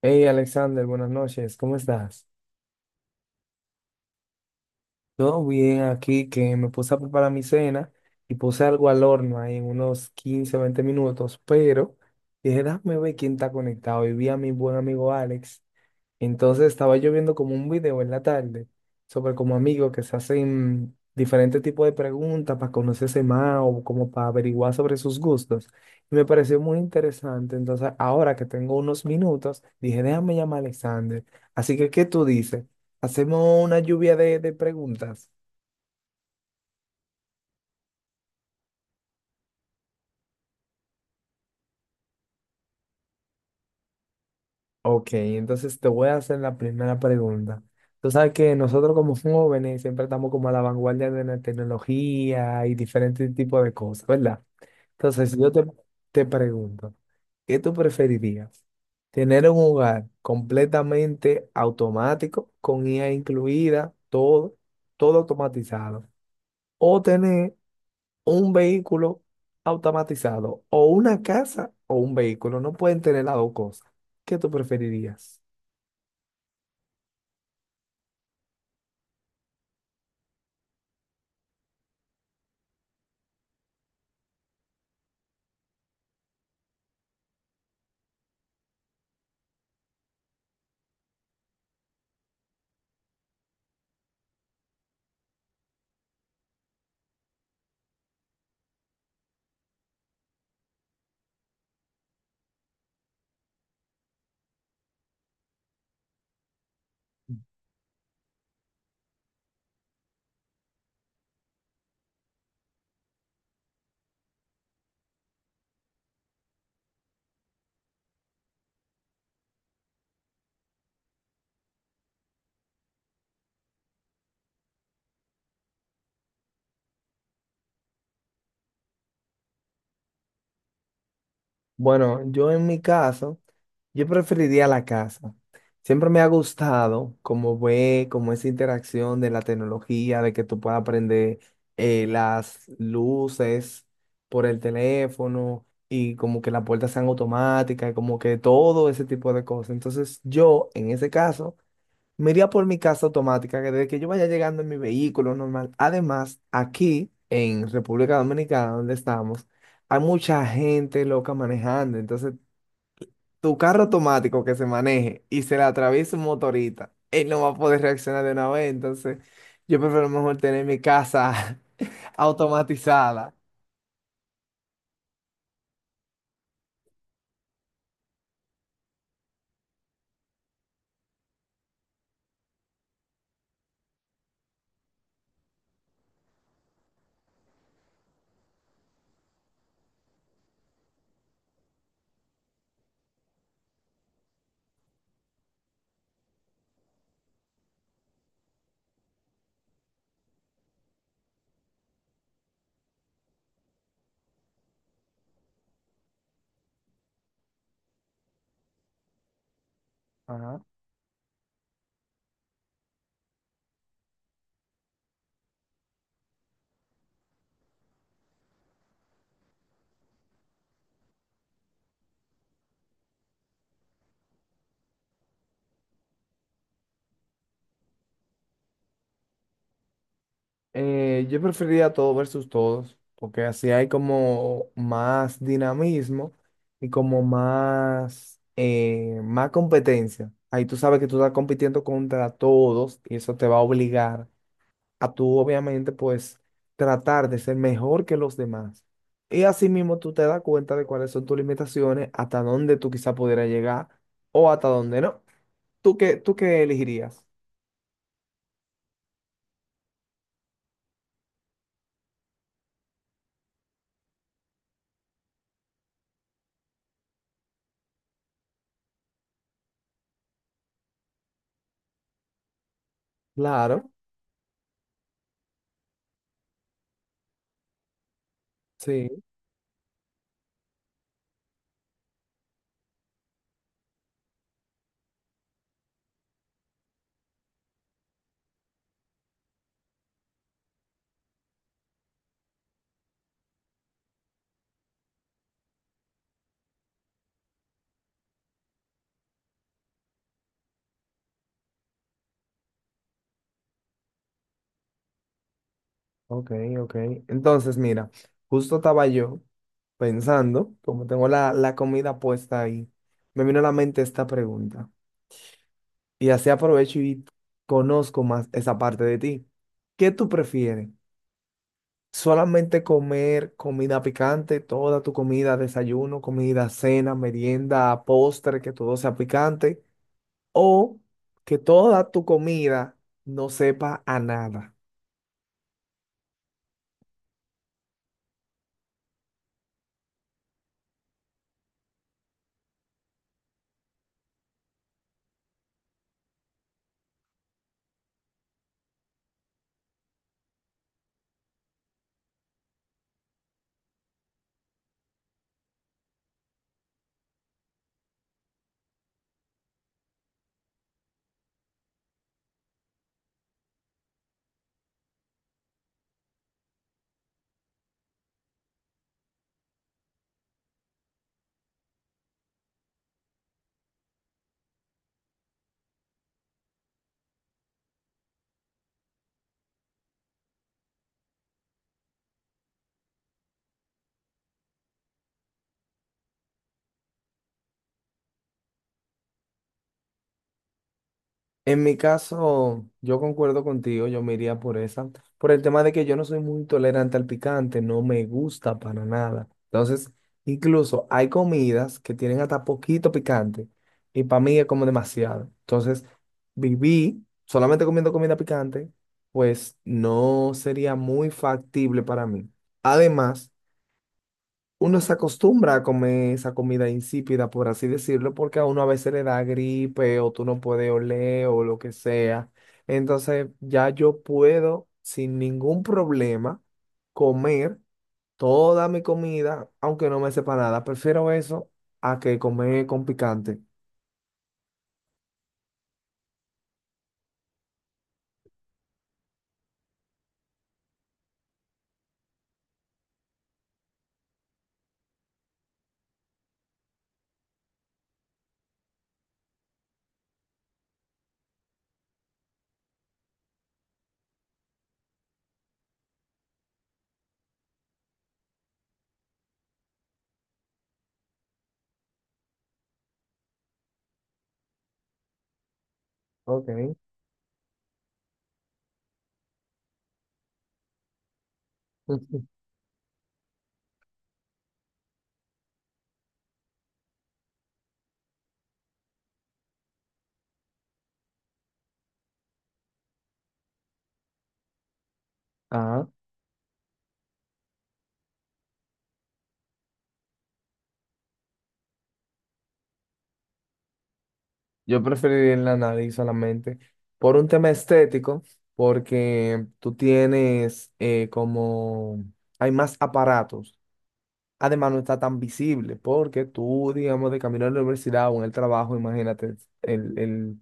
Hey Alexander, buenas noches, ¿cómo estás? Todo bien aquí, que me puse a preparar mi cena y puse algo al horno ahí en unos 15, 20 minutos, pero dije, déjame ver quién está conectado y vi a mi buen amigo Alex. Entonces estaba yo viendo como un video en la tarde sobre como amigos que se hacen diferentes tipos de preguntas para conocerse más o como para averiguar sobre sus gustos. Y me pareció muy interesante. Entonces ahora que tengo unos minutos, dije, déjame llamar a Alexander. Así que, ¿qué tú dices? ¿Hacemos una lluvia de preguntas? Ok, entonces te voy a hacer la primera pregunta. Tú sabes que nosotros como jóvenes siempre estamos como a la vanguardia de la tecnología y diferentes tipos de cosas, ¿verdad? Entonces, si yo te, te pregunto, ¿qué tú preferirías? ¿Tener un hogar completamente automático, con IA incluida, todo automatizado? ¿O tener un vehículo automatizado? ¿O una casa o un vehículo? No pueden tener las dos cosas. ¿Qué tú preferirías? Bueno, yo en mi caso... Yo preferiría la casa. Siempre me ha gustado como ve, como esa interacción de la tecnología, de que tú puedas aprender las luces por el teléfono y como que las puertas sean automáticas, y como que todo ese tipo de cosas. Entonces yo, en ese caso, me iría por mi casa automática, que desde que yo vaya llegando en mi vehículo normal. Además, aquí en República Dominicana, donde estamos, hay mucha gente loca manejando. Entonces tu carro automático que se maneje y se le atraviesa un motorista, él no va a poder reaccionar de una vez. Entonces, yo prefiero mejor tener mi casa automatizada. Ajá. Yo preferiría todo versus todos, porque así hay como más dinamismo y como más, más competencia. Ahí tú sabes que tú estás compitiendo contra todos y eso te va a obligar a tú obviamente pues tratar de ser mejor que los demás. Y así mismo tú te das cuenta de cuáles son tus limitaciones, hasta dónde tú quizá pudieras llegar o hasta dónde no. ¿Tú qué elegirías? Claro, sí, ok, ok. Entonces, mira, justo estaba yo pensando, como tengo la comida puesta ahí, me vino a la mente esta pregunta. Y así aprovecho y conozco más esa parte de ti. ¿Qué tú prefieres? Solamente comer comida picante, toda tu comida, desayuno, comida, cena, merienda, postre, que todo sea picante, o que toda tu comida no sepa a nada. En mi caso, yo concuerdo contigo, yo me iría por esa, por el tema de que yo no soy muy tolerante al picante, no me gusta para nada. Entonces, incluso hay comidas que tienen hasta poquito picante y para mí es como demasiado. Entonces, viví solamente comiendo comida picante, pues no sería muy factible para mí. Además, uno se acostumbra a comer esa comida insípida, por así decirlo, porque a uno a veces le da gripe o tú no puedes oler o lo que sea. Entonces ya yo puedo sin ningún problema comer toda mi comida, aunque no me sepa nada. Prefiero eso a que comer con picante. Ok. Ujú. Ajá. Yo preferiría en la nariz solamente por un tema estético, porque tú tienes hay más aparatos. Además, no está tan visible porque tú, digamos, de camino a la universidad o en el trabajo, imagínate, el, el-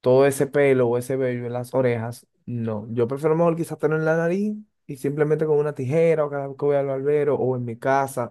todo ese pelo o ese vello en las orejas, no. Yo prefiero mejor quizás tenerlo en la nariz y simplemente con una tijera o cada vez que voy al barbero o en mi casa,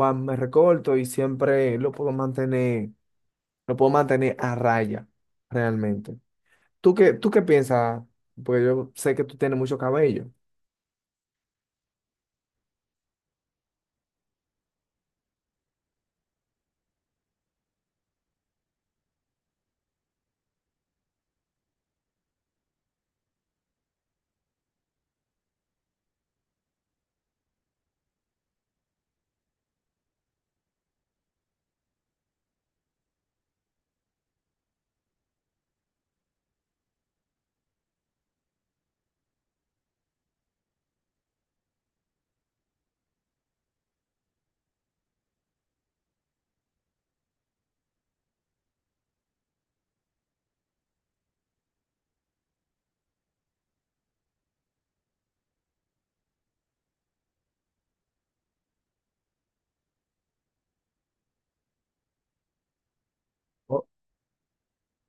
va, me recorto y siempre lo puedo mantener a raya, realmente. ¿Tú qué piensas? Porque yo sé que tú tienes mucho cabello.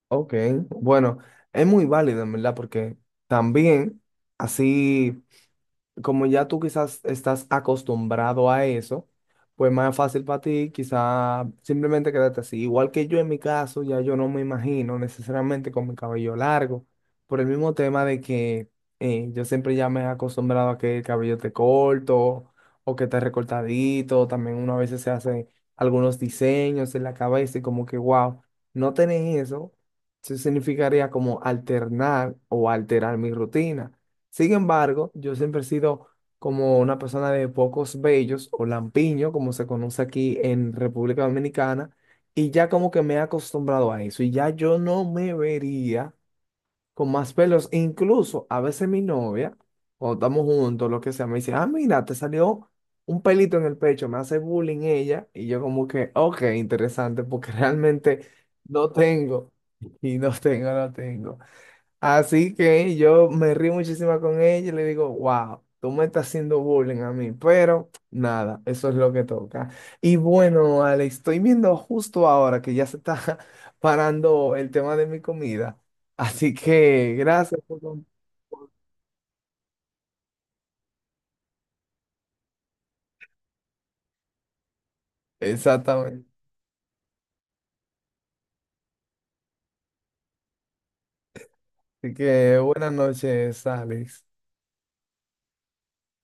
Ok, bueno, es muy válido en verdad porque también así como ya tú quizás estás acostumbrado a eso, pues más fácil para ti quizás simplemente quedarte así. Igual que yo en mi caso, ya yo no me imagino necesariamente con mi cabello largo, por el mismo tema de que yo siempre ya me he acostumbrado a que el cabello te corto o que te recortadito, también uno a veces se hace algunos diseños en la cabeza y como que, wow, no tener eso, eso significaría como alternar o alterar mi rutina. Sin embargo, yo siempre he sido como una persona de pocos vellos o lampiño, como se conoce aquí en República Dominicana, y ya como que me he acostumbrado a eso y ya yo no me vería con más pelos. Incluso a veces mi novia, cuando estamos juntos, lo que sea, me dice, ah, mira, te salió un pelito en el pecho, me hace bullying ella y yo como que, ok, interesante, porque realmente no tengo y no tengo. Así que yo me río muchísimo con ella y le digo, wow, tú me estás haciendo bullying a mí, pero nada, eso es lo que toca. Y bueno, Ale, estoy viendo justo ahora que ya se está parando el tema de mi comida. Así que gracias por... con- Exactamente. Así que buenas noches, Alex.